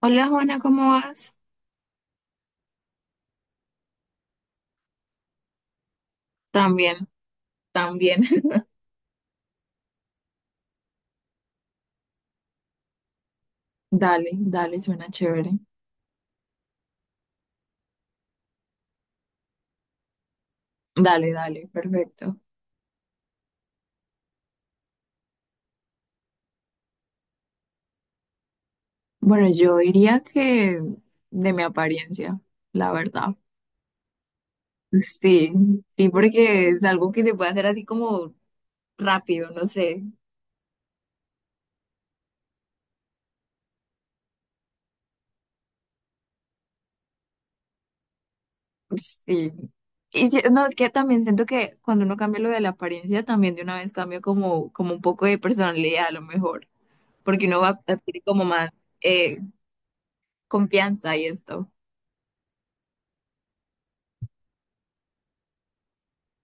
Hola Juana, ¿cómo vas? También, también. Dale, dale, suena chévere. Dale, dale, perfecto. Bueno, yo diría que de mi apariencia, la verdad. Sí, sí, porque es algo que se puede hacer así como rápido, no sé. Sí. No, es que también siento que cuando uno cambia lo de la apariencia, también de una vez cambia como, como un poco de personalidad a lo mejor, porque uno va a adquirir como más eh, confianza y esto.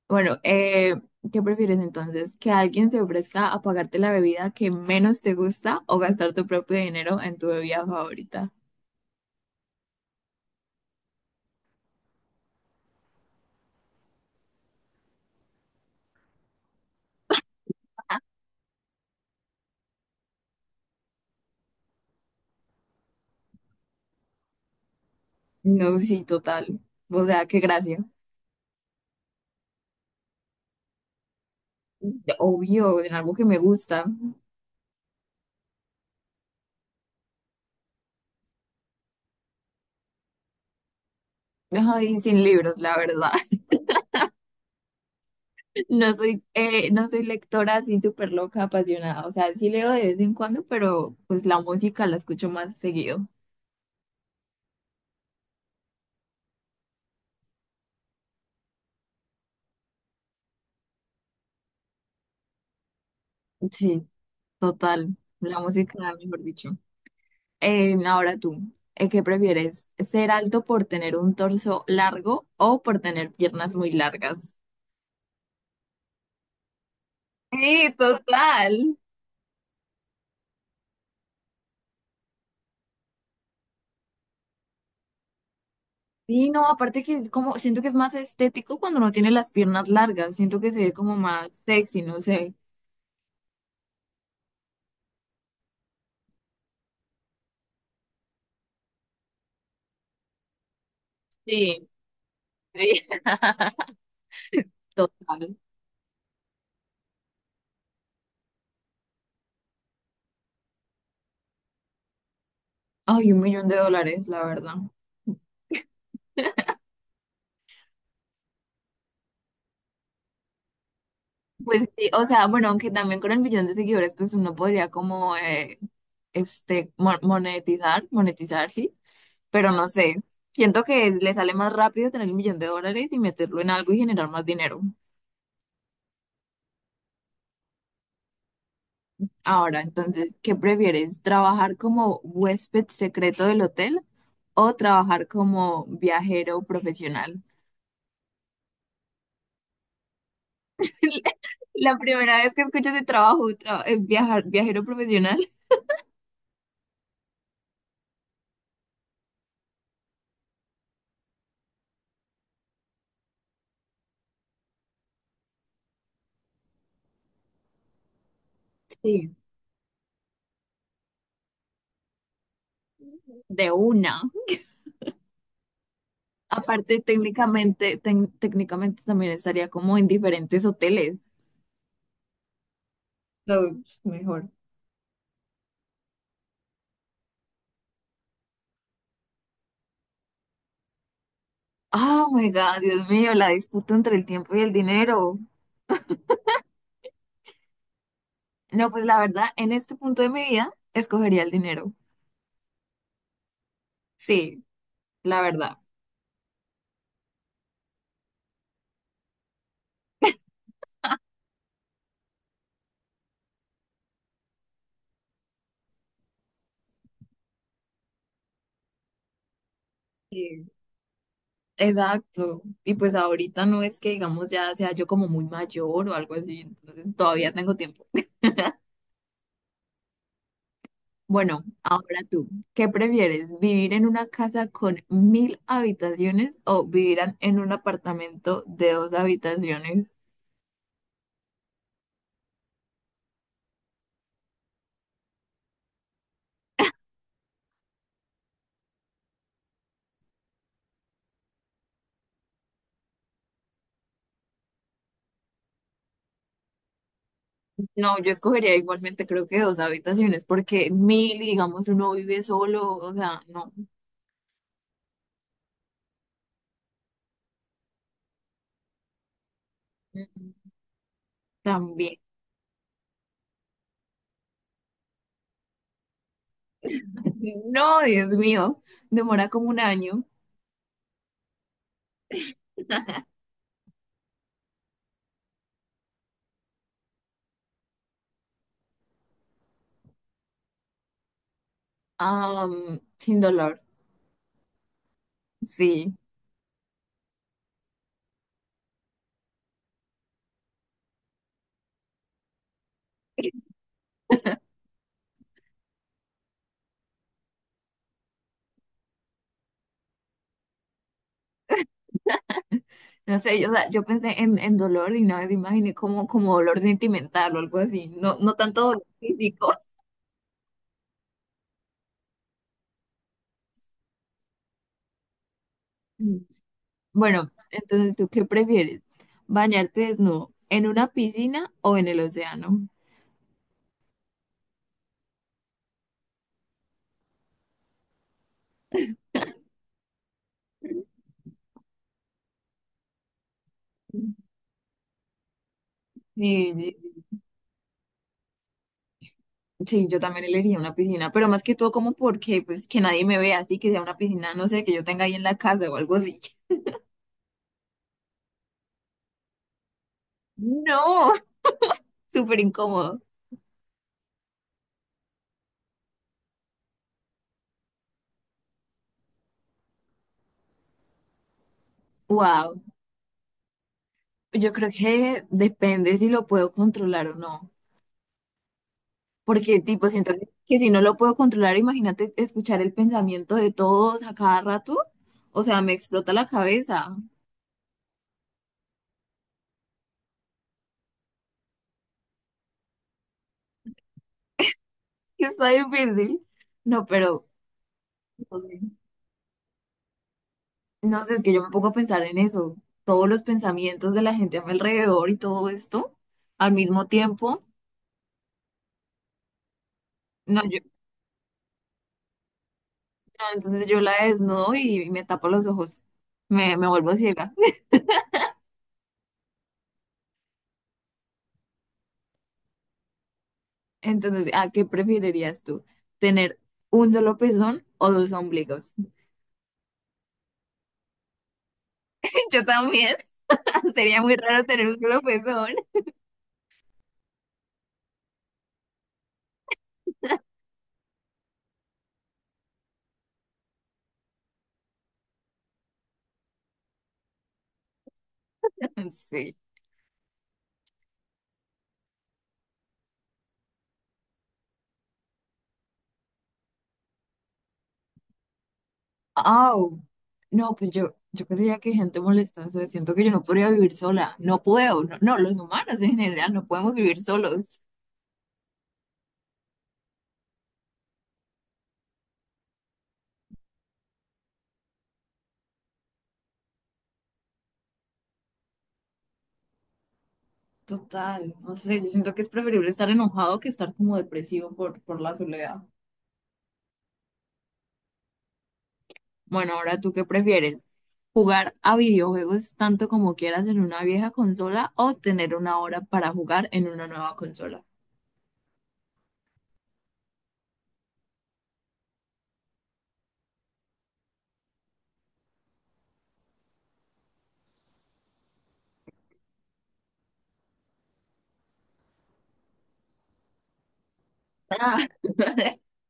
Bueno, ¿qué prefieres entonces? ¿Que alguien se ofrezca a pagarte la bebida que menos te gusta o gastar tu propio dinero en tu bebida favorita? No, sí, total. O sea, qué gracia. Obvio, en algo que me gusta. Ay, sin libros, la verdad. No soy, no soy lectora así súper loca, apasionada. O sea, sí leo de vez en cuando, pero pues la música la escucho más seguido. Sí, total. La música, mejor dicho. No, ahora tú, ¿qué prefieres? ¿Ser alto por tener un torso largo o por tener piernas muy largas? Sí, total. Sí, no, aparte que es como, siento que es más estético cuando no tiene las piernas largas, siento que se ve como más sexy, no sé. Sí, sí. Total. Ay, un millón de dólares, la verdad. Pues sí, o sea, bueno, aunque también con el millón de seguidores, pues uno podría como, este, monetizar, monetizar, sí, pero no sé. Siento que le sale más rápido tener un millón de dólares y meterlo en algo y generar más dinero. Ahora, entonces, ¿qué prefieres? ¿Trabajar como huésped secreto del hotel o trabajar como viajero profesional? La primera vez que escucho ese trabajo, viajar, viajero profesional. Sí. De una. Aparte, técnicamente, técnicamente también estaría como en diferentes hoteles. So, mejor. Oh my God, Dios mío, la disputa entre el tiempo y el dinero. No, pues la verdad, en este punto de mi vida, escogería el dinero. Sí, la verdad. Sí. Exacto. Y pues ahorita no es que, digamos, ya sea yo como muy mayor o algo así, entonces todavía tengo tiempo. Bueno, ahora tú, ¿qué prefieres? ¿Vivir en una casa con mil habitaciones o vivir en un apartamento de dos habitaciones? No, yo escogería igualmente creo que dos habitaciones, porque mil, y digamos, uno vive solo, o sea, no, mm, mm, también. No, Dios mío, demora como un año. Sin dolor, sí. No sé, yo, o sea, yo pensé en dolor y una vez imaginé como, como dolor sentimental o algo así, no, no tanto dolor físico. Mm. Bueno, entonces, ¿tú qué prefieres? ¿Bañarte desnudo en una piscina o en el océano? Sí, sí, yo también elegiría una piscina, pero más que todo como porque, pues, que nadie me vea así, que sea una piscina, no sé, que yo tenga ahí en la casa o algo así. No, súper incómodo. Wow, yo creo que depende si lo puedo controlar o no, porque tipo, siento que si no lo puedo controlar, imagínate escuchar el pensamiento de todos a cada rato, o sea, me explota la cabeza. Está difícil. No, pero, no sé. No sé, es que yo me pongo a pensar en eso, todos los pensamientos de la gente a mi alrededor y todo esto al mismo tiempo. No, yo, no, entonces yo la desnudo y me tapo los ojos, me vuelvo ciega. Entonces, ¿a qué preferirías tú? ¿Tener un solo pezón o dos ombligos? Yo también, sería muy raro tener un solo pezón. Sí. Au. No, pues yo creía que gente molesta, o sea, siento que yo no podría vivir sola, no puedo, no, no, los humanos en general no podemos vivir solos. Total, no sé, yo siento que es preferible estar enojado que estar como depresivo por la soledad. Bueno, ahora tú qué prefieres, jugar a videojuegos tanto como quieras en una vieja consola o tener una hora para jugar en una nueva consola.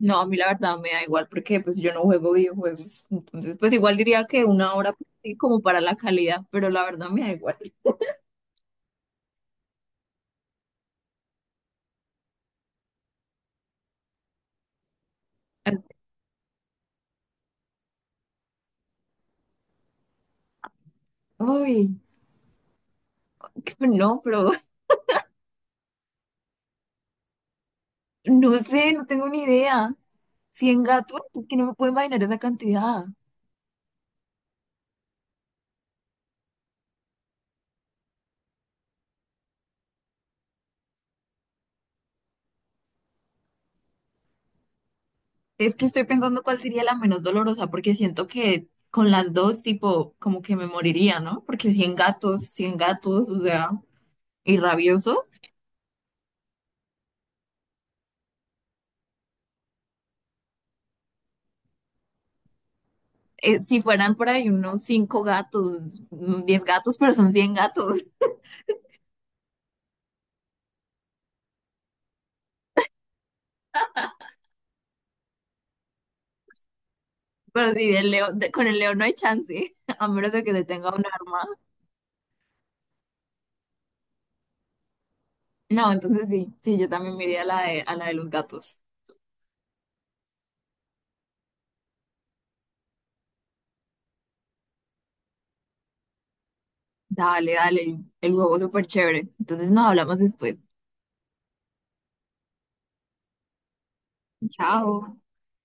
No, a mí la verdad me da igual porque pues yo no juego videojuegos, entonces pues igual diría que una hora sí, como para la calidad, pero la verdad me da igual. Uy, qué- no, pero no sé, no tengo ni idea. Cien gatos, es que no me puedo imaginar esa cantidad. Es que estoy pensando cuál sería la menos dolorosa, porque siento que con las dos, tipo, como que me moriría, ¿no? Porque 100 gatos, o sea, y rabiosos. Si fueran por ahí unos 5 gatos, mm, 10 gatos, pero son 100 gatos. Pero si del león, con el león no hay chance, a menos de que se tenga un arma. No, entonces sí, sí, yo también me iría a la de los gatos. Dale, dale, el juego súper chévere. Entonces nos hablamos después. Chao.